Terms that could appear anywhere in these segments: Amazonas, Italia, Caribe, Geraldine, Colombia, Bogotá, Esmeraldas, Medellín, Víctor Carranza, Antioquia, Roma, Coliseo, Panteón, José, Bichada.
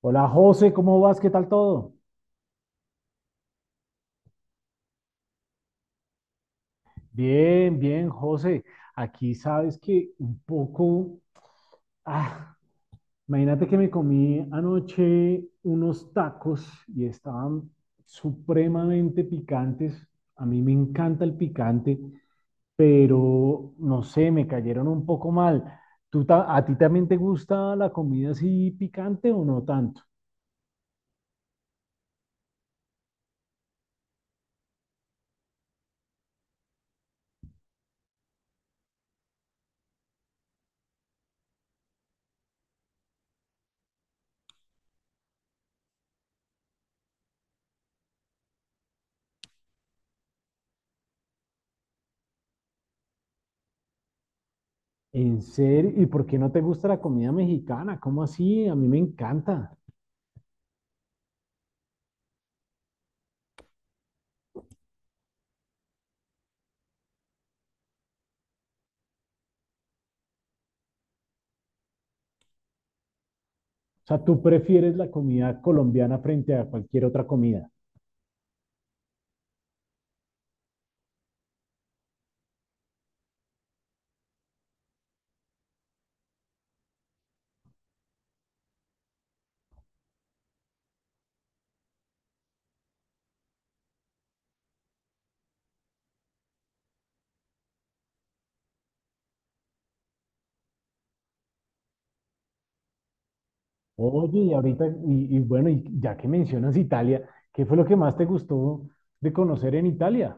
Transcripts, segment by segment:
Hola José, ¿cómo vas? ¿Qué tal todo? Bien, bien, José. Aquí sabes que un poco, ah, imagínate que me comí anoche unos tacos y estaban supremamente picantes. A mí me encanta el picante, pero no sé, me cayeron un poco mal. ¿Tú a ti también te gusta la comida así picante o no tanto? ¿En serio? ¿Y por qué no te gusta la comida mexicana? ¿Cómo así? A mí me encanta. O sea, tú prefieres la comida colombiana frente a cualquier otra comida. Oye, y ahorita, y bueno, y ya que mencionas Italia, ¿qué fue lo que más te gustó de conocer en Italia?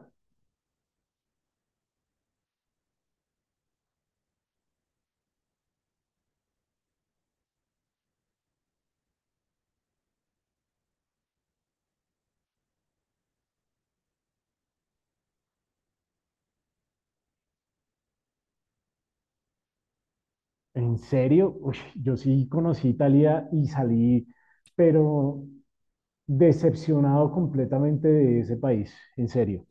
En serio, uy, yo sí conocí Italia y salí, pero decepcionado completamente de ese país, en serio.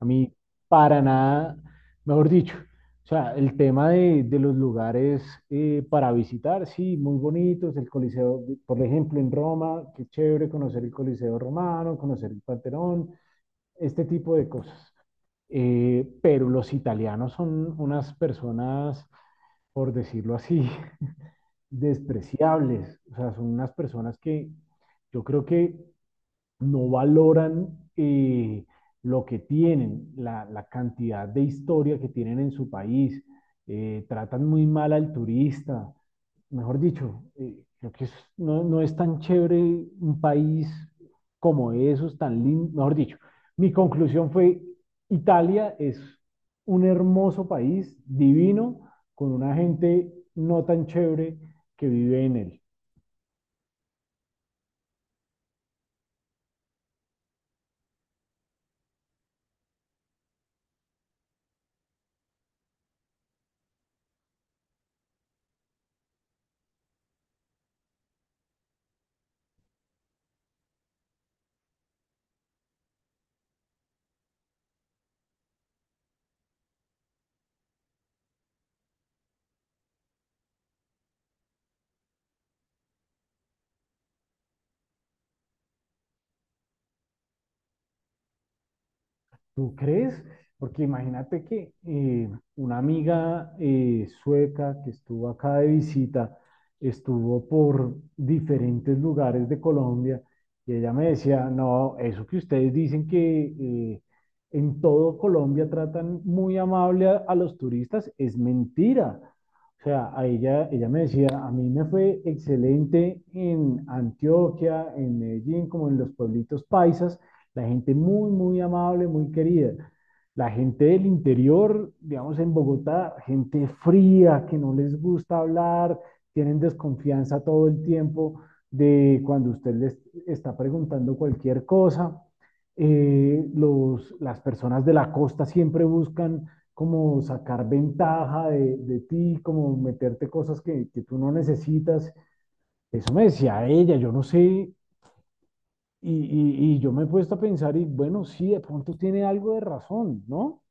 A mí, para nada, mejor dicho, o sea, el tema de, los lugares para visitar, sí, muy bonitos, el Coliseo, por ejemplo, en Roma, qué chévere conocer el Coliseo romano, conocer el Panteón, este tipo de cosas. Pero los italianos son unas personas, por decirlo así, despreciables, o sea, son unas personas que yo creo que no valoran eh, lo que tienen, la, cantidad de historia que tienen en su país, tratan muy mal al turista, mejor dicho, creo que no, no es tan chévere un país como esos, tan lindo, mejor dicho, mi conclusión fue, Italia es un hermoso país, divino, con una gente no tan chévere que vive en él. ¿Tú crees? Porque imagínate que una amiga sueca que estuvo acá de visita, estuvo por diferentes lugares de Colombia y ella me decía, no, eso que ustedes dicen que en todo Colombia tratan muy amable a, los turistas es mentira. O sea, ella me decía, a mí me fue excelente en Antioquia, en Medellín, como en los pueblitos paisas la gente muy, muy amable, muy querida. La gente del interior, digamos en Bogotá, gente fría, que no les gusta hablar, tienen desconfianza todo el tiempo de cuando usted les está preguntando cualquier cosa. Las personas de la costa siempre buscan como sacar ventaja de, ti, como meterte cosas que, tú no necesitas. Eso me decía ella, yo no sé y yo me he puesto a pensar y bueno, sí, de pronto tiene algo de razón, ¿no?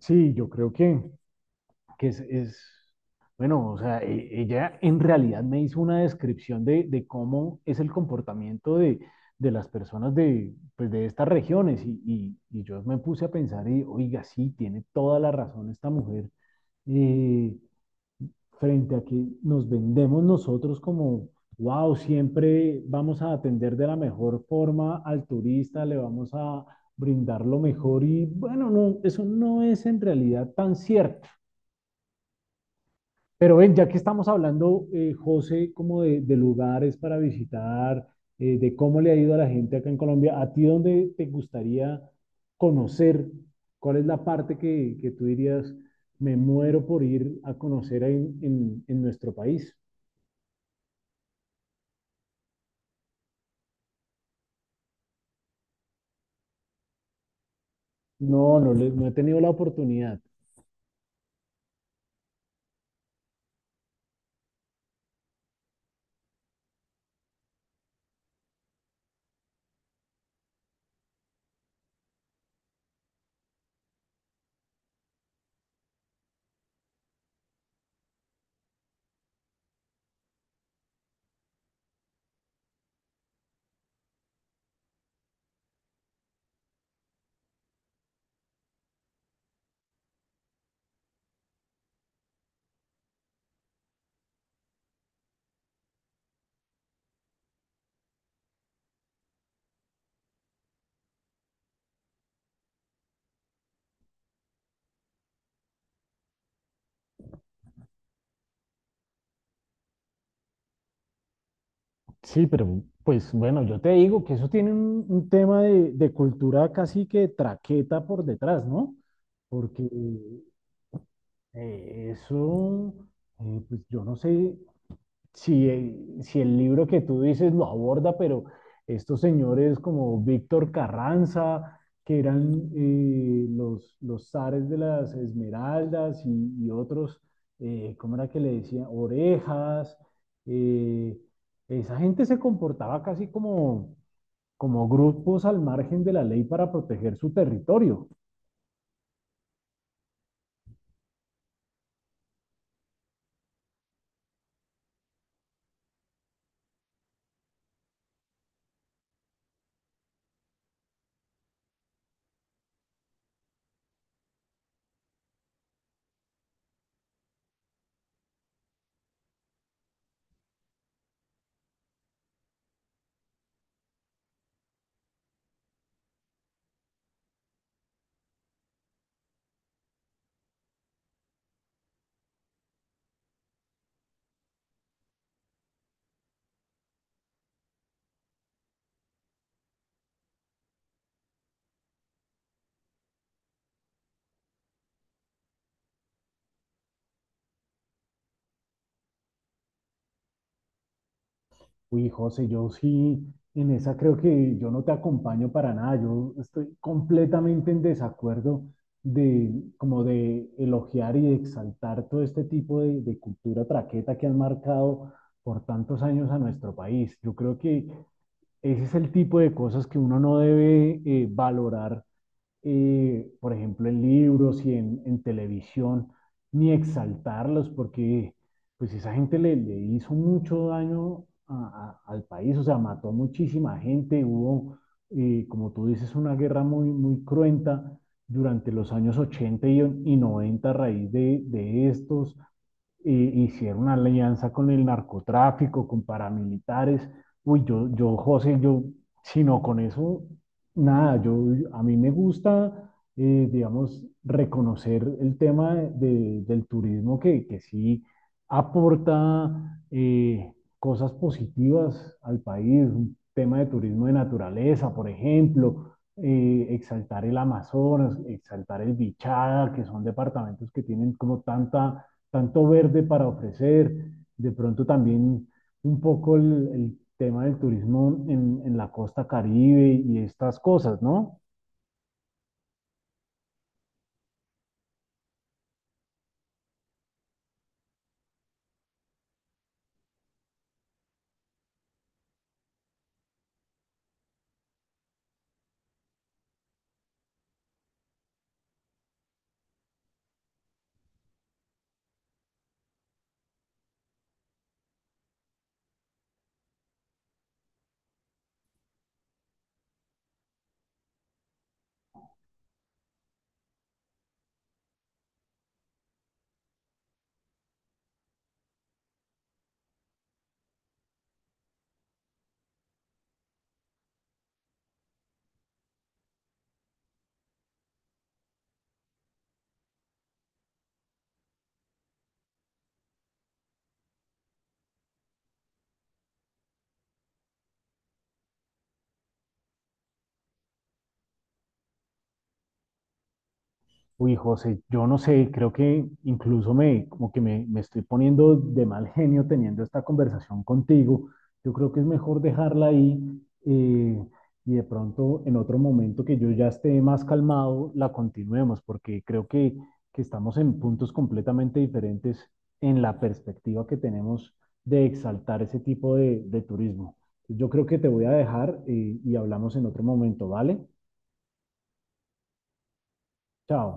Sí, yo creo que bueno, o sea, ella en realidad me hizo una descripción de, cómo es el comportamiento de, las personas de, pues, de estas regiones y yo me puse a pensar y, oiga, sí, tiene toda la razón esta mujer. Eh, Frente a que nos vendemos nosotros como, wow, siempre vamos a atender de la mejor forma al turista, le vamos a brindar lo mejor y bueno, no, eso no es en realidad tan cierto. Pero ven, ya que estamos hablando, José, como de, lugares para visitar, de cómo le ha ido a la gente acá en Colombia, ¿a ti dónde te gustaría conocer? ¿Cuál es la parte que tú dirías, me muero por ir a conocer en, en nuestro país? No, no, no he tenido la oportunidad. Sí, pero pues bueno, yo te digo que eso tiene un tema de, cultura casi que traqueta por detrás, ¿no? Porque eso, pues yo no sé, si el libro que tú dices lo aborda, pero estos señores como Víctor Carranza, que eran los, zares de las Esmeraldas y otros, ¿cómo era que le decían? Orejas. eh, Esa gente se comportaba casi como grupos al margen de la ley para proteger su territorio. Uy, José, yo sí, en esa creo que yo no te acompaño para nada. Yo estoy completamente en desacuerdo de como de elogiar y de exaltar todo este tipo de, cultura traqueta que han marcado por tantos años a nuestro país. Yo creo que ese es el tipo de cosas que uno no debe valorar por ejemplo, en libros y en, televisión, ni exaltarlos, porque pues esa gente le hizo mucho daño al país, o sea, mató muchísima gente, hubo, como tú dices, una guerra muy, muy cruenta durante los años 80 y 90 a raíz de, estos, hicieron una alianza con el narcotráfico, con paramilitares. Uy, yo, José, yo, sino con eso, nada, yo, a mí me gusta, digamos, reconocer el tema del turismo que sí aporta cosas positivas al país, un tema de turismo de naturaleza, por ejemplo, exaltar el Amazonas, exaltar el Bichada, que son departamentos que tienen como tanta tanto verde para ofrecer, de pronto también un poco el tema del turismo en, la costa Caribe y estas cosas, ¿no? Uy, José, yo no sé, creo que como que me estoy poniendo de mal genio teniendo esta conversación contigo. Yo creo que es mejor dejarla ahí eh, y de pronto en otro momento que yo ya esté más calmado, la continuemos, porque creo que estamos en puntos completamente diferentes en la perspectiva que tenemos de exaltar ese tipo de, turismo. Yo creo que te voy a dejar y hablamos en otro momento, ¿vale? Chao.